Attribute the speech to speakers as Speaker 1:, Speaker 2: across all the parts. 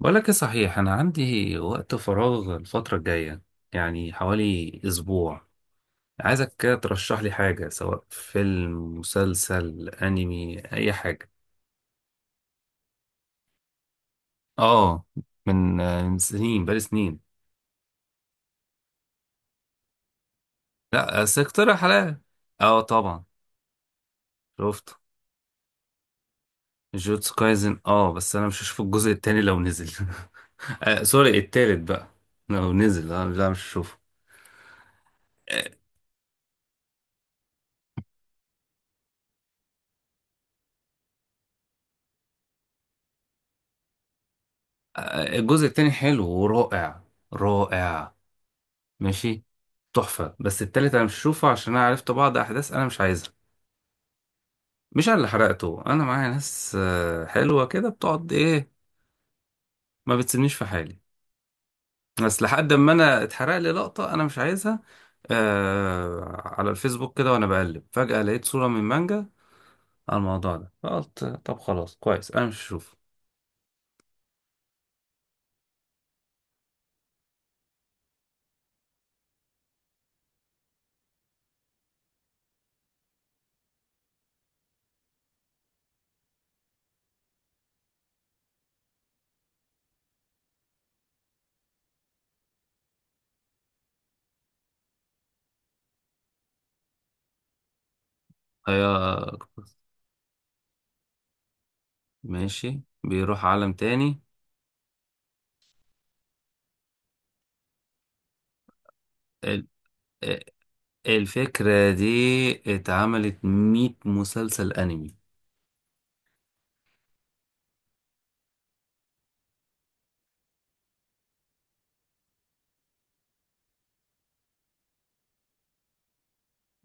Speaker 1: بقولك ايه؟ صحيح انا عندي وقت فراغ الفترة الجاية، يعني حوالي اسبوع. عايزك كده ترشح لي حاجة، سواء فيلم، مسلسل، انمي، اي حاجة. اه، من سنين، بقالي سنين. لا، بس اقترح عليا. اه طبعا. شفت جوتسو كايزن، اه بس انا مش هشوف الجزء التاني لو نزل. آه سوري، التالت بقى. لو نزل، لا مش هشوفه. آه، الجزء التاني حلو ورائع. رائع. ماشي. تحفة، بس التالت أنا مش شوفه عشان أنا عرفت بعض أحداث أنا مش عايزها. مش أنا اللي حرقته، أنا معايا ناس حلوة كده بتقعد إيه، ما بتسيبنيش في حالي. بس لحد ما أنا اتحرق لي لقطة أنا مش عايزها. آه، على الفيسبوك كده وأنا بقلب فجأة لقيت صورة من مانجا على الموضوع ده، فقلت طب خلاص كويس أنا مش هشوفه. هي ماشي بيروح عالم تاني. ال- آه، الفكرة دي اتعملت 100 مسلسل أنمي.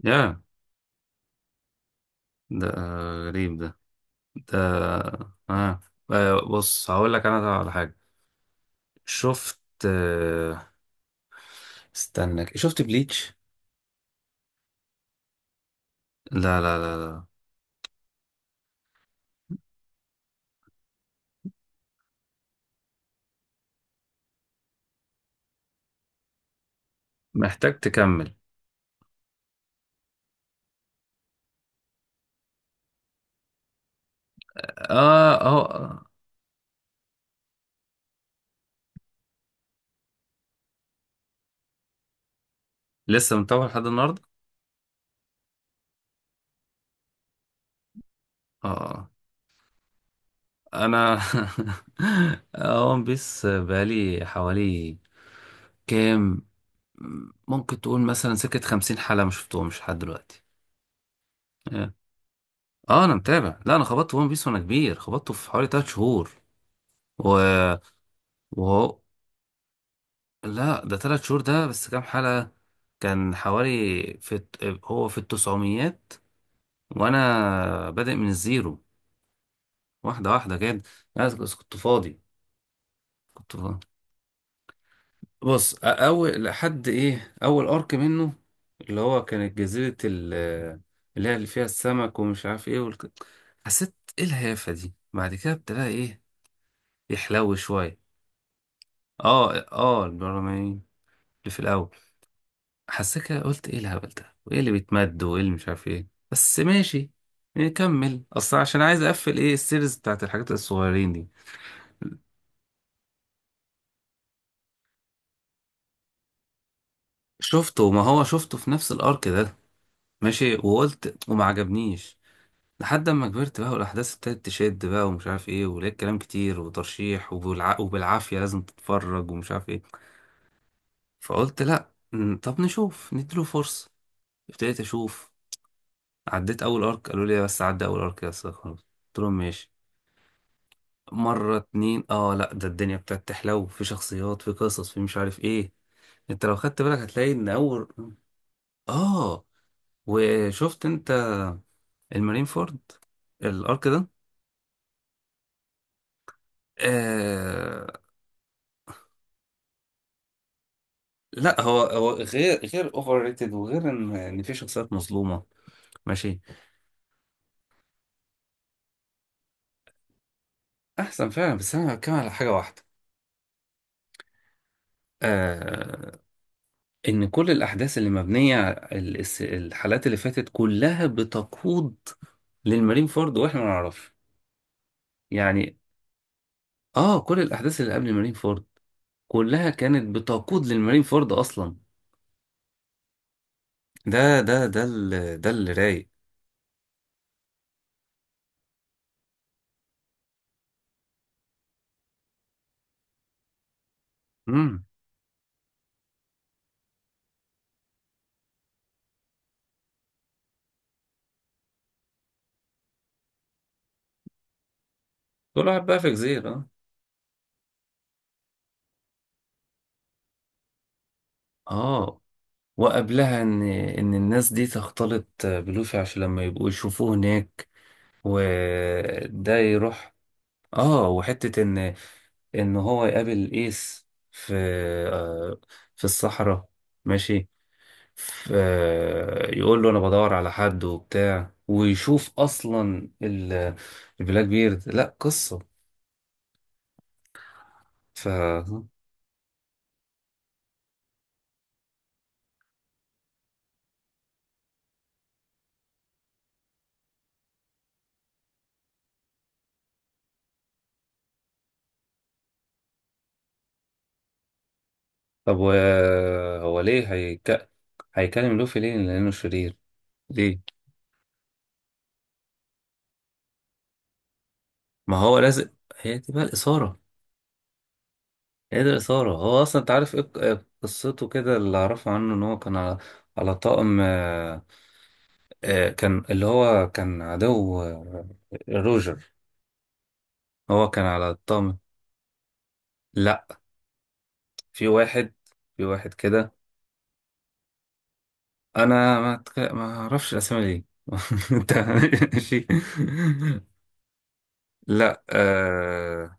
Speaker 1: يا ده غريب ده. ده آه. آه بص هقول لك انا على حاجه. شفت آه استنى كده. شفت بليتش؟ لا. محتاج تكمل. اه اه آه. لسه متابع لحد النهارده. اه آه. انا آه، ون بيس بقالي حوالي كام، ممكن تقول مثلا سكه خمسين حلقه ما شفتهمش لحد دلوقتي. اه انا متابع. لا انا خبطت ون بيس وانا كبير، خبطته في حوالي تلات شهور. و وهو لا، ده تلات شهور ده بس كام حلقة؟ كان حوالي في هو في التسعميات، وأنا بادئ من الزيرو. واحدة واحدة كده. أنا بس كنت فاضي. كنت فاضي. بص، أول لحد إيه، أول أرك منه، اللي هو كانت جزيرة. اللي هي اللي فيها السمك ومش عارف إيه والك... حسيت إيه الهيافة دي. بعد كده ابتدى إيه يحلو شوية. آه آه، البراميل اللي في الأول، حسيت كده قلت ايه الهبل ده وايه اللي بيتمد وايه اللي مش عارف ايه. بس ماشي نكمل اصلا عشان عايز اقفل ايه السيريز بتاعت الحاجات الصغيرين دي. شفته، ما هو شفته في نفس الارك ده ماشي، وقلت وما عجبنيش، لحد اما كبرت بقى والاحداث ابتدت تشد بقى ومش عارف ايه، ولقيت كلام كتير وترشيح وبالع... وبالعافيه لازم تتفرج ومش عارف ايه. فقلت لا م، طب نشوف نديله فرصه. ابتديت اشوف، عديت اول ارك، قالوا لي بس عدى اول ارك يا أستاذ خلاص. قلت لهم ماشي. مرة اتنين اه، لا ده الدنيا بتاعت تحلو، في شخصيات، في قصص، في مش عارف ايه. انت لو خدت بالك هتلاقي ان اول. اه. وشفت انت المارينفورد، الارك ده؟ آه... لا هو هو غير اوفر ريتد، وغير ان في شخصيات مظلومة ماشي. احسن فعلا، بس انا بتكلم على حاجة واحدة. آه... ان كل الاحداث اللي مبنية الحلقات اللي فاتت كلها بتقود للمارين فورد، واحنا ما نعرفش يعني. اه كل الاحداث اللي قبل مارين فورد كلها كانت بتقود للمارين فورد اصلا. ده اللي ده اللي رايق. امم. كل واحد بقى في جزيرة، اه. اه، وقبلها ان الناس دي تختلط بلوفي عشان لما يبقوا يشوفوه هناك وده يروح. اه، وحتة ان ان هو يقابل ايس في آه في الصحراء ماشي. ف- يقول له انا بدور على حد وبتاع، ويشوف اصلا البلاك بيرد لا قصة. ف طب هو ليه هيك... هيكلم لوفي ليه؟ لانه شرير. ليه؟ ما هو لازم، هي دي بقى الاثارة. هي دي الاثارة. هو اصلا انت عارف ايه إيه قصته كده؟ اللي اعرفه عنه ان هو كان على، على طاقم كان اللي هو كان عدو روجر. هو كان على الطاقم. لا، في واحد في واحد كده. انا ما أتك... ما اعرفش الاسامي دي. انت ماشي. لا آه...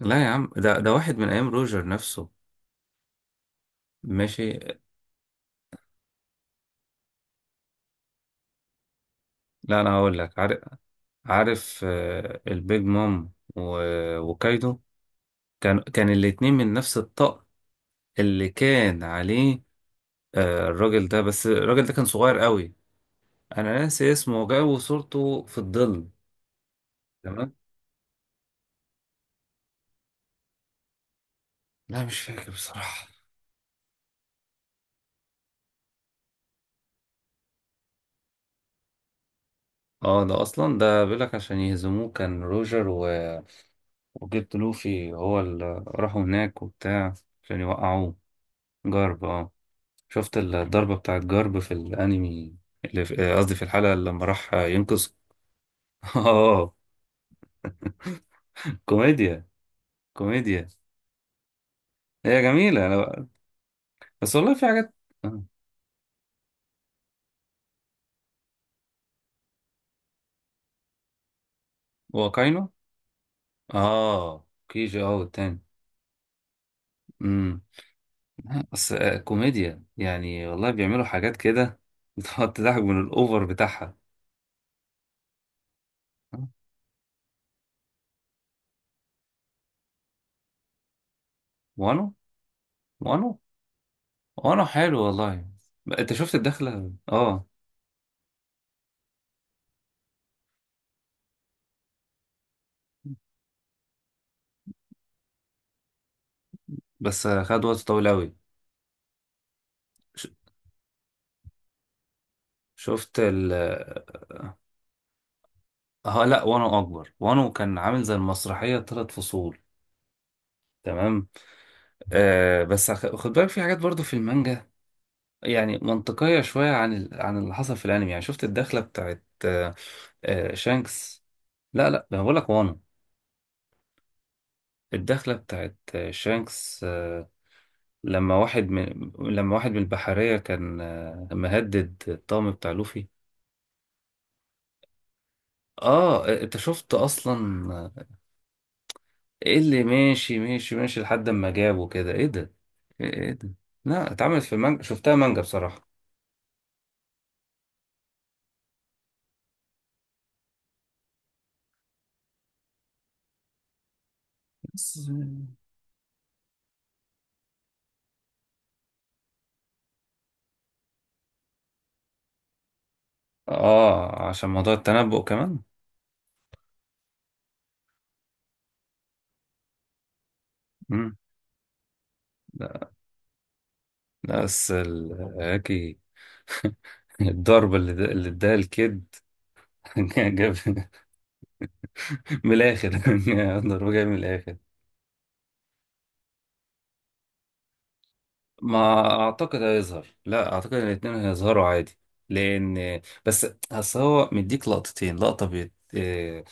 Speaker 1: لا يا عم، ده واحد من ايام روجر نفسه ماشي. لا انا هقول لك، عارف، عارف آه... البيج مام و... وكايدو. كان الاتنين من نفس الطق اللي كان عليه آه... الراجل ده، بس الراجل ده كان صغير قوي. انا ناسي اسمه وجاي وصورته في الظل. تمام. لا مش فاكر بصراحة. اه ده اصلا ده بيقول لك عشان يهزموه كان روجر و... وجيب لوفي، هو اللي راحوا هناك وبتاع عشان يوقعوه. جارب، اه. شفت الضربة بتاعت جارب في الانمي، اللي قصدي في الحلقة اللي لما راح ينقذ. اه. كوميديا، كوميديا. هي جميلة أنا... بس والله في حاجات آه، واقعينه. اه، كيجي اه، والتاني. امم. بس كوميديا يعني، والله بيعملوا حاجات كده بتقعد تضحك من الاوفر بتاعها. آه، وانو وانا وانا حلو والله. انت شفت الدخلة؟ اه، بس خد وقت طويل قوي. شفت ال، اه. لا وانا اكبر، وانا كان عامل زي المسرحية ثلاث فصول. تمام. آه بس خد بالك في حاجات برضو في المانجا يعني منطقية شوية عن ال... عن اللي حصل في الانمي. يعني شفت الدخلة بتاعت آه، آه شانكس؟ لا لا، انا بقول لك. وانا الدخلة بتاعت شانكس لما واحد من البحرية كان مهدد الطقم بتاع لوفي. اه انت شفت اصلا؟ آه، ايه اللي ماشي ماشي ماشي لحد ما جابه كده ايه ده؟ ايه إيه ده؟ لا، اتعملت في المانجا، شفتها مانجا بصراحة. بس اه، عشان موضوع التنبؤ كمان. مم. لا، لا بس الهاكي. الضرب اللي اللي اداها الكيد جاب من الاخر. ضربه جاي من الاخر. ما اعتقد هيظهر، لا اعتقد ان الاتنين هيظهروا عادي لان، بس اصل هو مديك لقطتين: لقطه بيت إيه...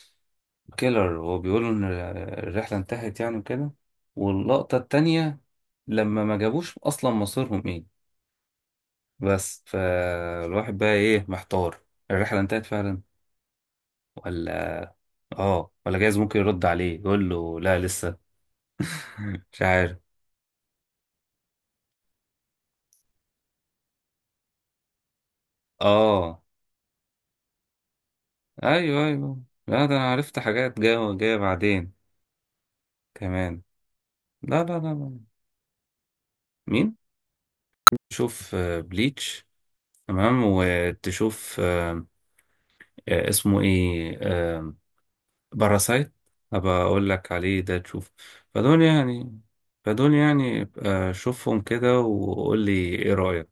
Speaker 1: كيلر وهو بيقول ان الرحله انتهت يعني وكده، واللقطه التانية لما ما جابوش اصلا مصيرهم ايه. بس فالواحد بقى ايه، محتار. الرحله انتهت فعلا ولا؟ اه، ولا جايز ممكن يرد عليه يقول له لا لسه. مش عارف. اه. ايوه ايوه. لا ده انا عرفت حاجات جايه جايه بعدين كمان. لا لا لا لا. مين؟ تشوف بليتش، تمام. وتشوف اسمه ايه باراسايت، هبقى اقول لك عليه ده تشوف. فدول يعني، فدول يعني شوفهم كده وقول لي ايه رأيك.